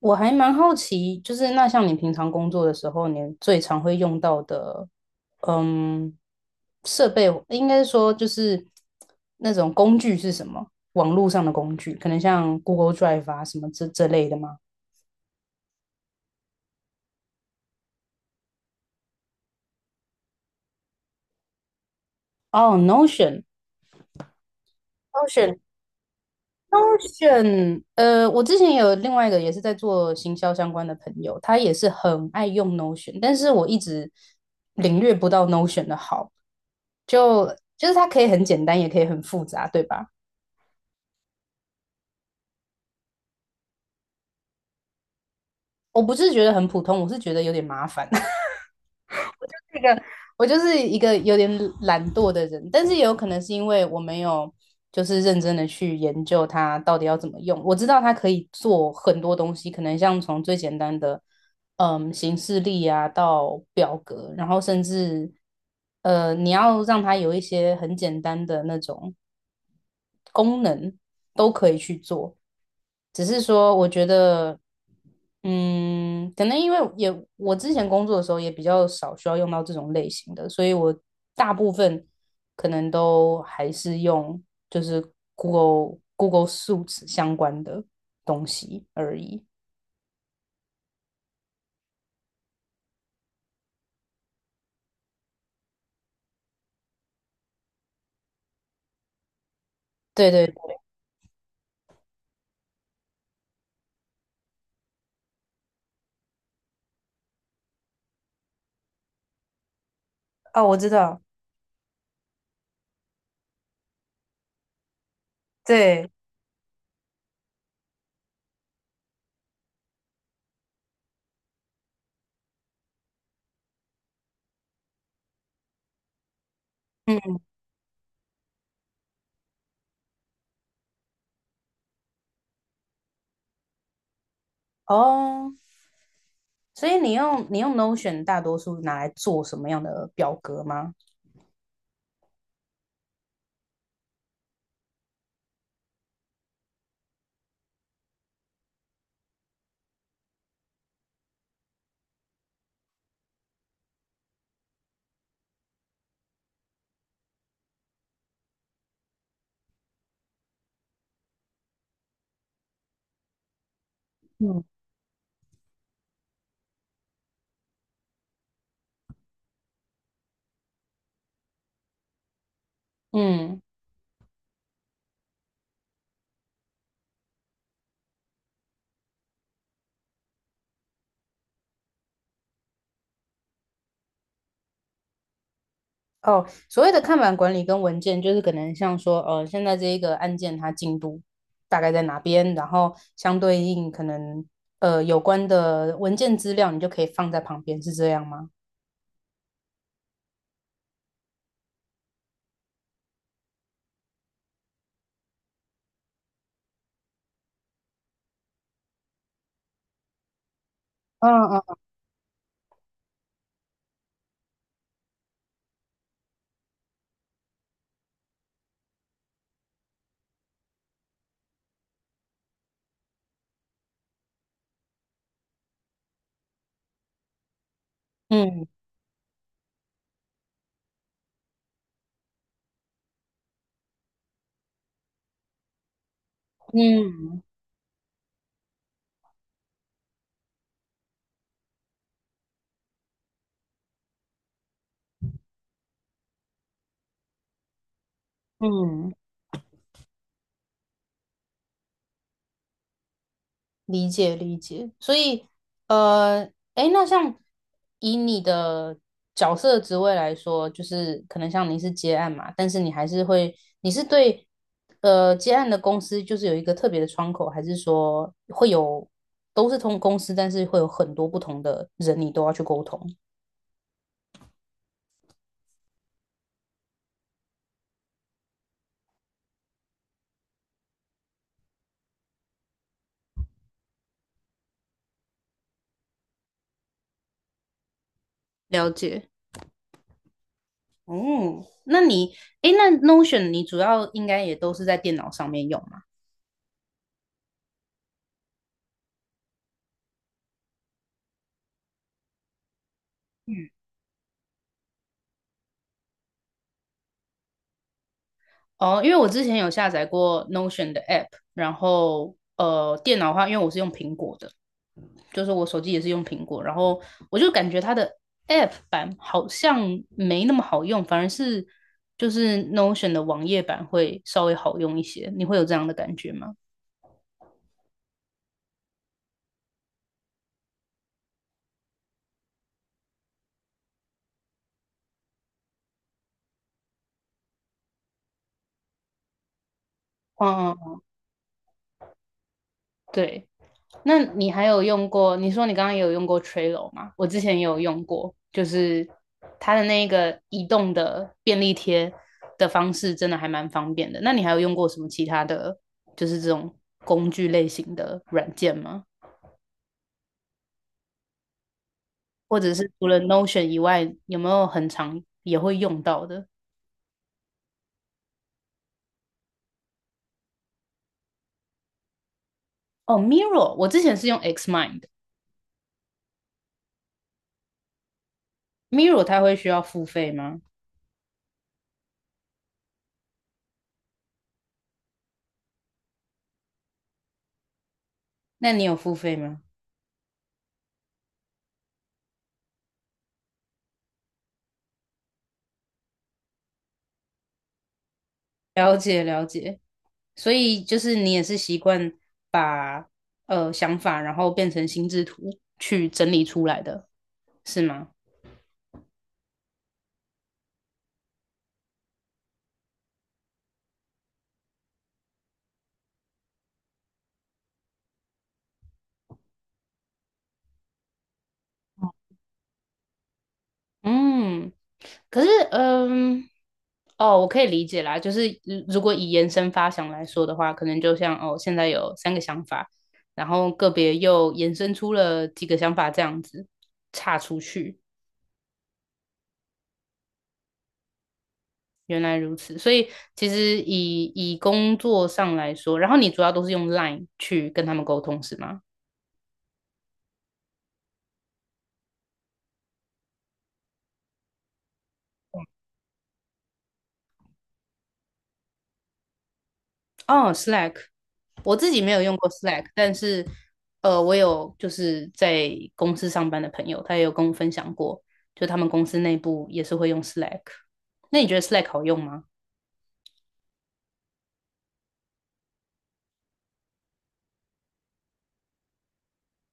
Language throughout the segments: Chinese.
我还蛮好奇，就是那像你平常工作的时候，你最常会用到的，嗯，设备应该说就是那种工具是什么？网络上的工具，可能像 Google Drive 啊什么这类的吗？哦，Notion，Notion，Notion，我之前有另外一个也是在做行销相关的朋友，他也是很爱用 Notion，但是我一直领略不到 Notion 的好，就就是它可以很简单，也可以很复杂，对吧？我不是觉得很普通，我是觉得有点麻烦。那个我就是一个有点懒惰的人，但是也有可能是因为我没有就是认真的去研究它到底要怎么用。我知道它可以做很多东西，可能像从最简单的形式力啊到表格，然后甚至你要让它有一些很简单的那种。都。只是说，我觉得，可能因为也我之前工作的时候也比较少需要用到这种类型的，所以我大部分可能都还是用就是 Google Suits 相关的东西而已。对对对，哦，我知道，对，嗯，哦，所以你用 Notion 大多数拿来做什么样的表格吗？嗯嗯。哦，所谓的看板管理跟文件，就是可能像说，现在这一个案件它进度大概在哪边，然后相对应可能有关的文件资料，你就可以放在旁边，是这样吗？嗯嗯嗯嗯嗯。理解理解，所以呃，诶，那像以你的角色职位来说，就是可能像你是接案嘛，但是你还是会，你是对接案的公司就是有一个特别的窗口，还是说会有都是同公司，但是会有很多不同的人，你都要去沟通？了解。哦，那你，诶，那 Notion 你主要应该也都是在电脑上面用吗？哦，因为我之前有下载过 Notion 的 app，然后电脑的话，因为我是用苹果的，就是我手机也是用苹果，然后我就感觉它的 app 版好像没那么好用，反而是就是 Notion 的网页版会稍微好用一些。你会有这样的感觉吗？嗯嗯嗯对。那你还有用过？你说你刚刚也有用过 Trello 吗？我之前也有用过，就是它的那个移动的便利贴的方式，真的还蛮方便的。那你还有用过什么其他的，就是这种工具类型的软件吗？或者是除了 Notion 以外，有没有很常也会用到的？哦，Miro，我之前是用 Xmind，Miro 它会需要付费吗？那你有付费吗？了解了解，所以就是你也是习惯把想法，然后变成心智图去整理出来的，是吗？嗯，可是哦，我可以理解啦，就是如果以延伸发想来说的话，可能就像哦，现在有三个想法，然后个别又延伸出了几个想法这样子岔出去，原来如此，所以其实以工作上来说，然后你主要都是用 Line 去跟他们沟通是吗？哦，Slack，我自己没有用过 Slack，但是我有就是在公司上班的朋友，他也有跟我分享过，就他们公司内部也是会用 Slack。那你觉得 Slack 好用吗？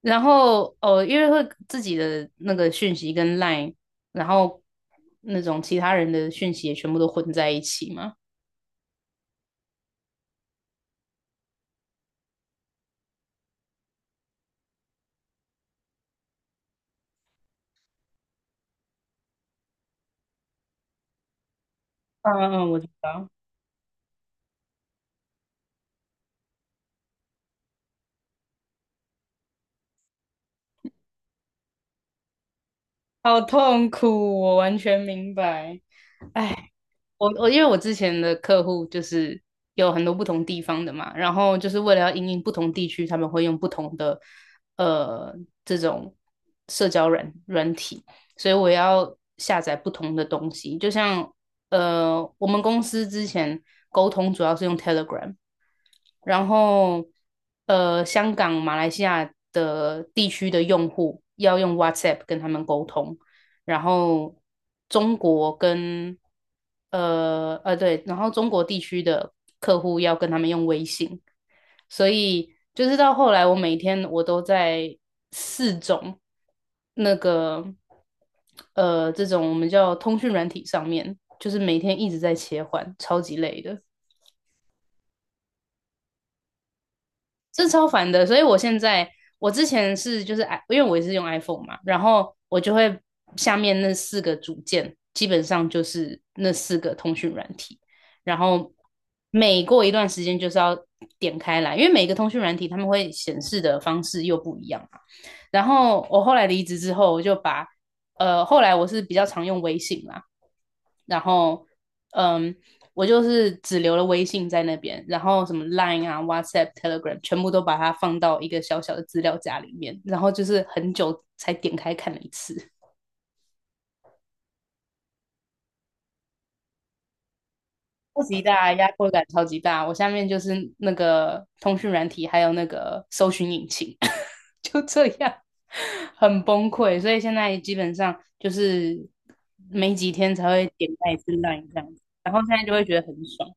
然后哦，因为会自己的那个讯息跟 Line，然后那种其他人的讯息也全部都混在一起嘛。嗯嗯，我知道。好痛苦，我完全明白。我因为我之前的客户就是有很多不同地方的嘛，然后就是为了要因应不同地区，他们会用不同的呃这种社交软体，所以我要下载不同的东西。就像我们公司之前沟通主要是用 Telegram，然后香港、马来西亚的地区的用户要用 WhatsApp 跟他们沟通，然后中国跟对，然后中国地区的客户要跟他们用微信，所以就是到后来，我每天都在四种那个这种我们叫通讯软体上面，就是每天一直在切换，超级累的。这超烦的。所以我现在，我之前是就是 i，因为我也是用 iPhone 嘛，然后我就会下面那四个组件，基本上就是那四个通讯软体，然后每过一段时间就是要点开来，因为每个通讯软体他们会显示的方式又不一样嘛。然后我后来离职之后，我就把后来我是比较常用微信啦，然后嗯，我就是只留了微信在那边，然后什么 Line 啊、WhatsApp、Telegram 全部都把它放到一个小小的资料夹里面，然后就是很久才点开看了一次，超级大，压迫感超级大。我下面就是那个通讯软体，还有那个搜寻引擎。就这样，很崩溃。所以现在基本上就是没几天才会点开一次 l i n 这样子，然后现在就会觉得很爽。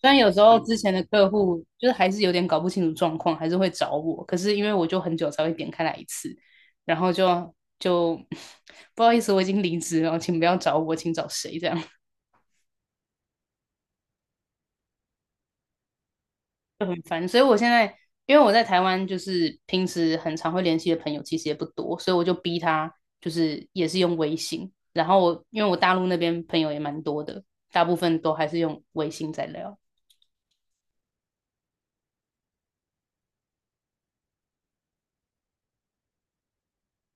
虽然有时候之前的客户就是还是有点搞不清楚状况，还是会找我，可是因为我就很久才会点开来一次，然后就 不好意思，我已经离职了，请不要找我，请找谁这样。就很烦，所以我现在因为我在台湾，就是平时很常会联系的朋友其实也不多，所以我就逼他，就是也是用微信。然后我因为我大陆那边朋友也蛮多的，大部分都还是用微信在聊。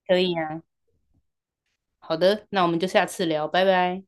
可以啊，好的，那我们就下次聊，拜拜。